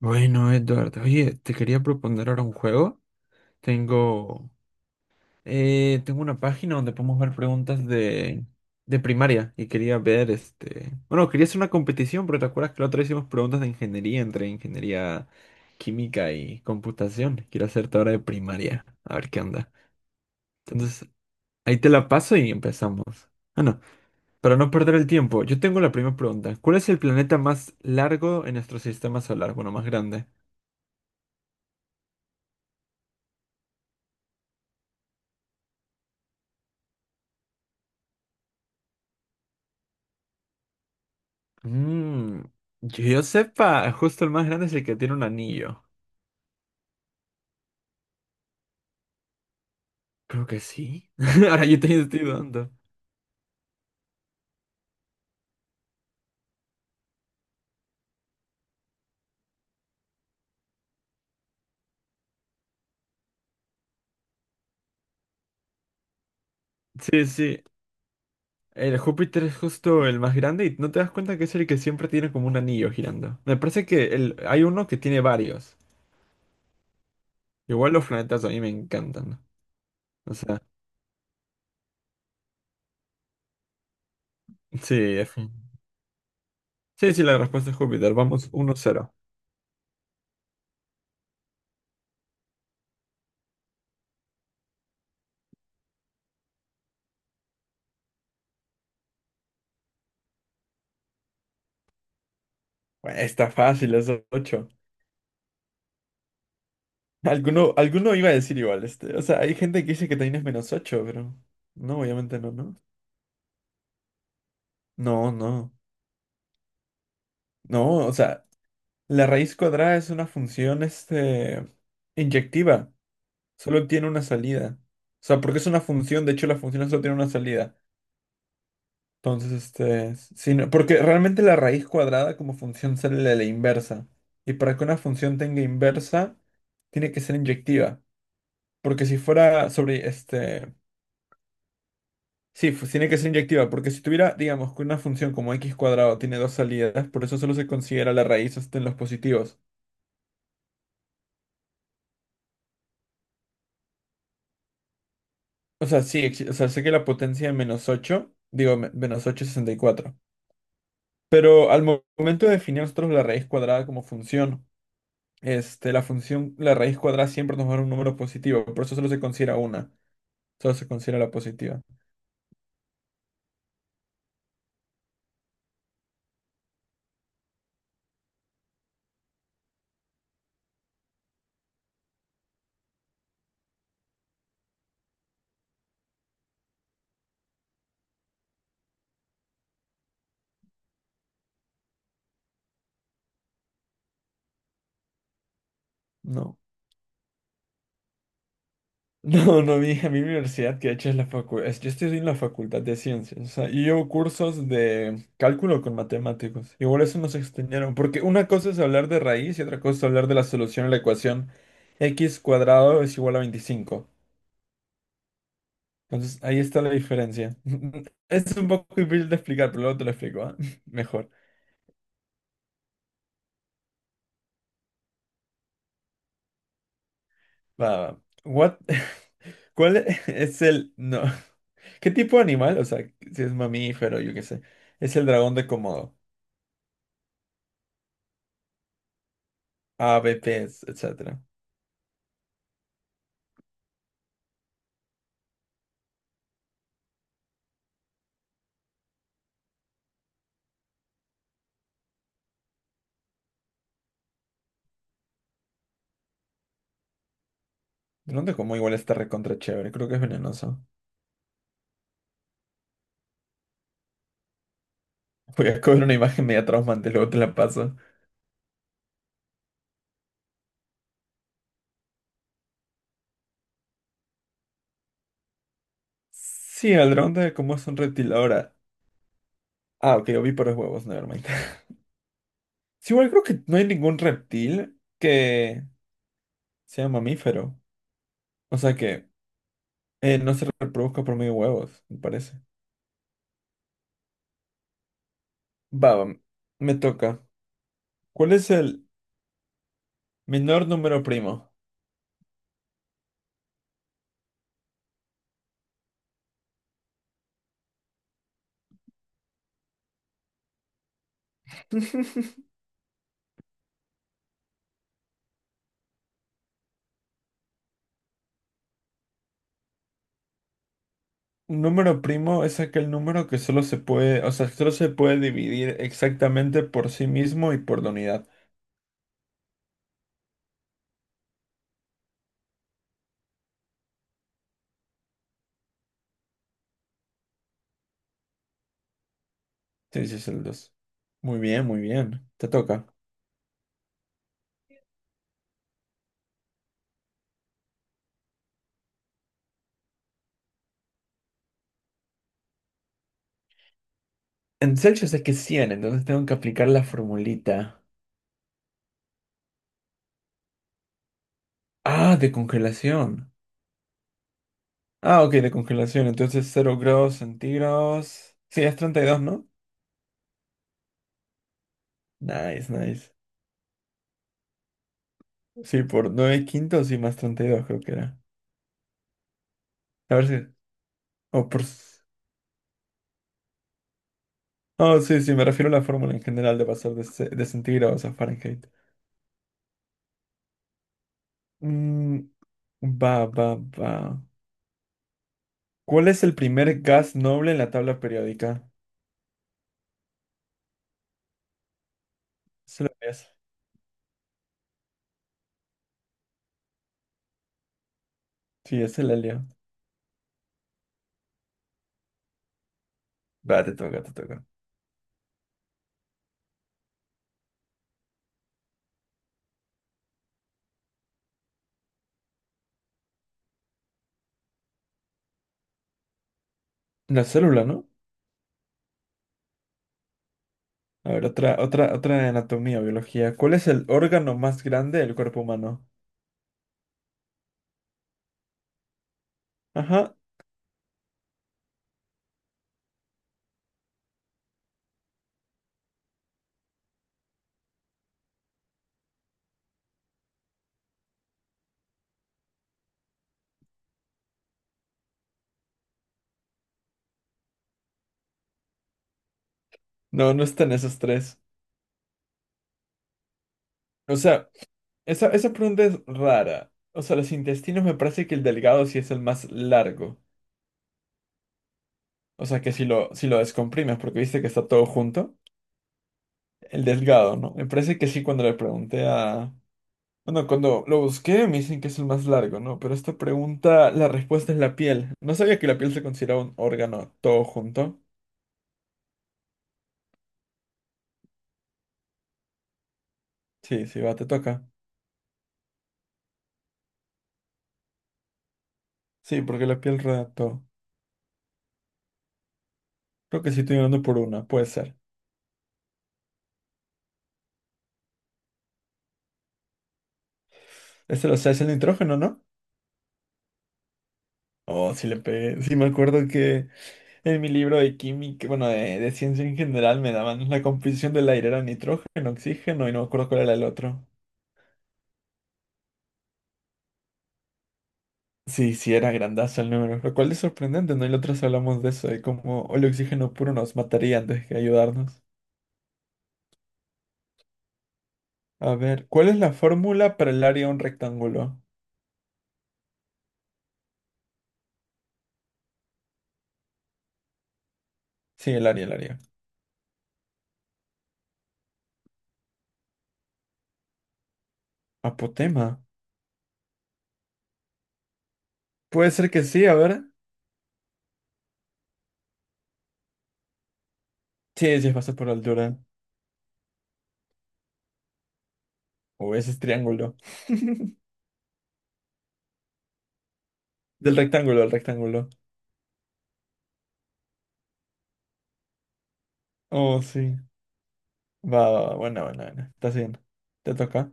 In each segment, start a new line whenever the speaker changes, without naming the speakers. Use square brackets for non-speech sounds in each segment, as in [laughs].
Bueno, Edward, oye, te quería proponer ahora un juego. Tengo, Tengo una página donde podemos ver preguntas de primaria y quería ver, bueno, quería hacer una competición, pero ¿te acuerdas que la otra vez hicimos preguntas de ingeniería entre ingeniería química y computación? Quiero hacerte ahora de primaria, a ver qué onda. Entonces, ahí te la paso y empezamos. Ah, no, para no perder el tiempo, yo tengo la primera pregunta. ¿Cuál es el planeta más largo en nuestro sistema solar? Bueno, más grande. Mm, que yo sepa, justo el más grande es el que tiene un anillo. Creo que sí. [laughs] Ahora yo te estoy dando. Sí, sí. El Júpiter es justo el más grande y no te das cuenta que es el que siempre tiene como un anillo girando. Me parece que el, hay uno que tiene varios. Igual los planetas a mí me encantan. O sea, sí, es- sí, sí, la respuesta es Júpiter. Vamos 1-0. Bueno, está fácil, es ocho. Alguno iba a decir igual. O sea, hay gente que dice que también es menos ocho, pero no, obviamente no, ¿no? No, no, no, o sea, la raíz cuadrada es una función, inyectiva, solo tiene una salida. O sea, porque es una función, de hecho la función solo tiene una salida. Entonces, porque realmente la raíz cuadrada como función sale de la inversa. Y para que una función tenga inversa, tiene que ser inyectiva. Porque si fuera sobre, tiene que ser inyectiva, porque si tuviera, digamos, que una función como x cuadrado tiene dos salidas, por eso solo se considera la raíz, en los positivos. O sea, o sea, sé que la potencia de menos 8 menos 8 es 64. Pero al momento de definir nosotros la raíz cuadrada como función, la función, la raíz cuadrada siempre nos va a dar un número positivo, por eso solo se considera la positiva. No. No, a mí mi universidad, que de hecho es la facultad, yo estoy en la Facultad de Ciencias, o sea, y llevo cursos de cálculo con matemáticos, igual eso nos extendieron, porque una cosa es hablar de raíz y otra cosa es hablar de la solución a la ecuación x cuadrado es igual a 25, entonces ahí está la diferencia. [laughs] Es un poco difícil de explicar, pero luego te lo explico, ¿ah? [laughs] Mejor. Va, va. What? [laughs] ¿Cuál es el... No. [laughs] ¿Qué tipo de animal? O sea, si es mamífero, yo qué sé, es el dragón de Komodo. AVPs, etcétera. Dónde como igual está recontra chévere, creo que es venenoso. [laughs] Voy a coger una imagen media traumante, luego te la paso. Sí, el dron de cómo es un reptil ahora. Ah, ok, ovíparos huevos, nevermind. [laughs] Sí, igual creo que no hay ningún reptil que sea mamífero. O sea que no se reproduzca por medio de huevos, me parece. Va, va, me toca. ¿Cuál es el menor número primo? Un número primo es aquel número que solo se puede, o sea, solo se puede dividir exactamente por sí mismo y por la unidad. Sí, sí, es el dos. Muy bien, muy bien. Te toca. En Celsius es que es 100, entonces tengo que aplicar la formulita. Ah, de congelación. Ah, ok, de congelación. Entonces 0 grados centígrados. Sí, es 32, ¿no? Nice, nice. Sí, por 9/5 y más 32 creo que era. A ver si... O por... s- Oh, sí, sí, me refiero a la fórmula en general de pasar de centígrados a Fahrenheit. Mm, va, va, va. ¿Cuál es el primer gas noble en la tabla periódica? Se lo lees. Sí, ese la leo. Va, te toca, te toca. La célula, ¿no? A ver, otra, otra, otra de anatomía, biología. ¿Cuál es el órgano más grande del cuerpo humano? Ajá. No, no están esos tres. O sea, esa pregunta es rara. O sea, los intestinos me parece que el delgado sí es el más largo. O sea, que si lo descomprimes, porque viste que está todo junto. El delgado, ¿no? Me parece que sí cuando le pregunté a... Bueno, cuando lo busqué me dicen que es el más largo, ¿no? Pero esta pregunta, la respuesta es la piel. No sabía que la piel se consideraba un órgano todo junto. Sí, sí, va, te toca. Sí, porque la piel rodea todo. Creo que sí estoy ganando por una, puede ser. Este lo sé, es el nitrógeno, ¿no? Oh, sí le pegué. Sí, me acuerdo que en mi libro de química, bueno, de ciencia en general, me daban la composición del aire, era nitrógeno, oxígeno y no me acuerdo cuál era el otro. Sí, sí, era grandazo el número, lo cual es sorprendente, ¿no? Y la otra vez hablamos de eso, de cómo el oxígeno puro nos mataría antes que ayudarnos. A ver, ¿cuál es la fórmula para el área de un rectángulo? Sí, el área, el área. Apotema. Puede ser que sí, a ver. Sí, sí, es base por altura. O ese es triángulo. Del rectángulo, del rectángulo. Oh, sí. Va, va, va, buena, buena, buena. Estás bien. Te toca.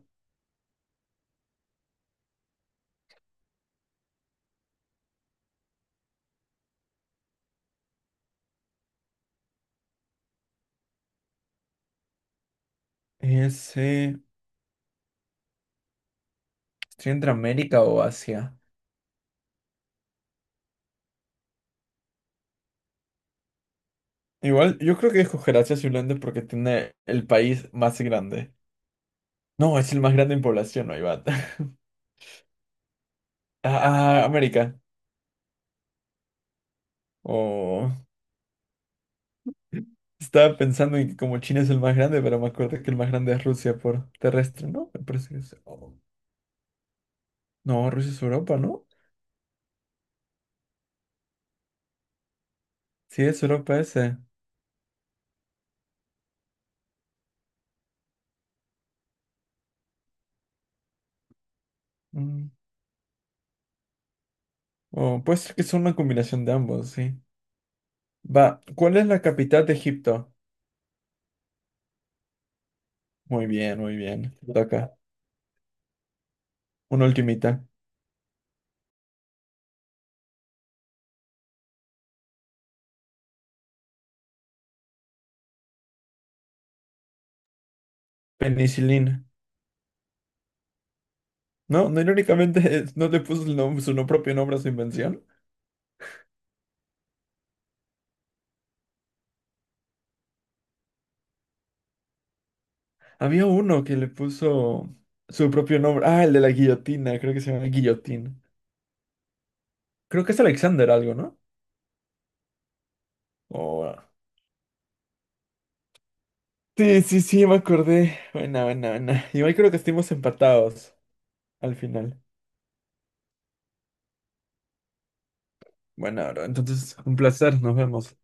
Ese. ¿Estoy entre América o Asia? Igual, yo creo que escoger Asia simplemente porque tiene el país más grande. No, es el más grande en población, no hay bat. [laughs] Ah, ah, América. Oh. Estaba pensando en que como China es el más grande, pero me acuerdo que el más grande es Rusia por terrestre, ¿no? Me parece que es... oh. No, Rusia es Europa, ¿no? Sí, es Europa ese. Mm. Oh, puede ser que es una combinación de ambos, sí. Va, ¿cuál es la capital de Egipto? Muy bien, muy bien. Te toca. Una ultimita. Penicilina. No, no, irónicamente [laughs] no le puso el su no- propio nombre a su invención. Había uno que le puso su propio nombre. Ah, el de la guillotina, creo que se llama Guillotín. Creo que es Alexander algo, ¿no? O, ah. Sí, sí, sí, me acordé. Buena, buena, buena. Igual creo que estuvimos empatados al final. Bueno, bro, entonces un placer, nos vemos.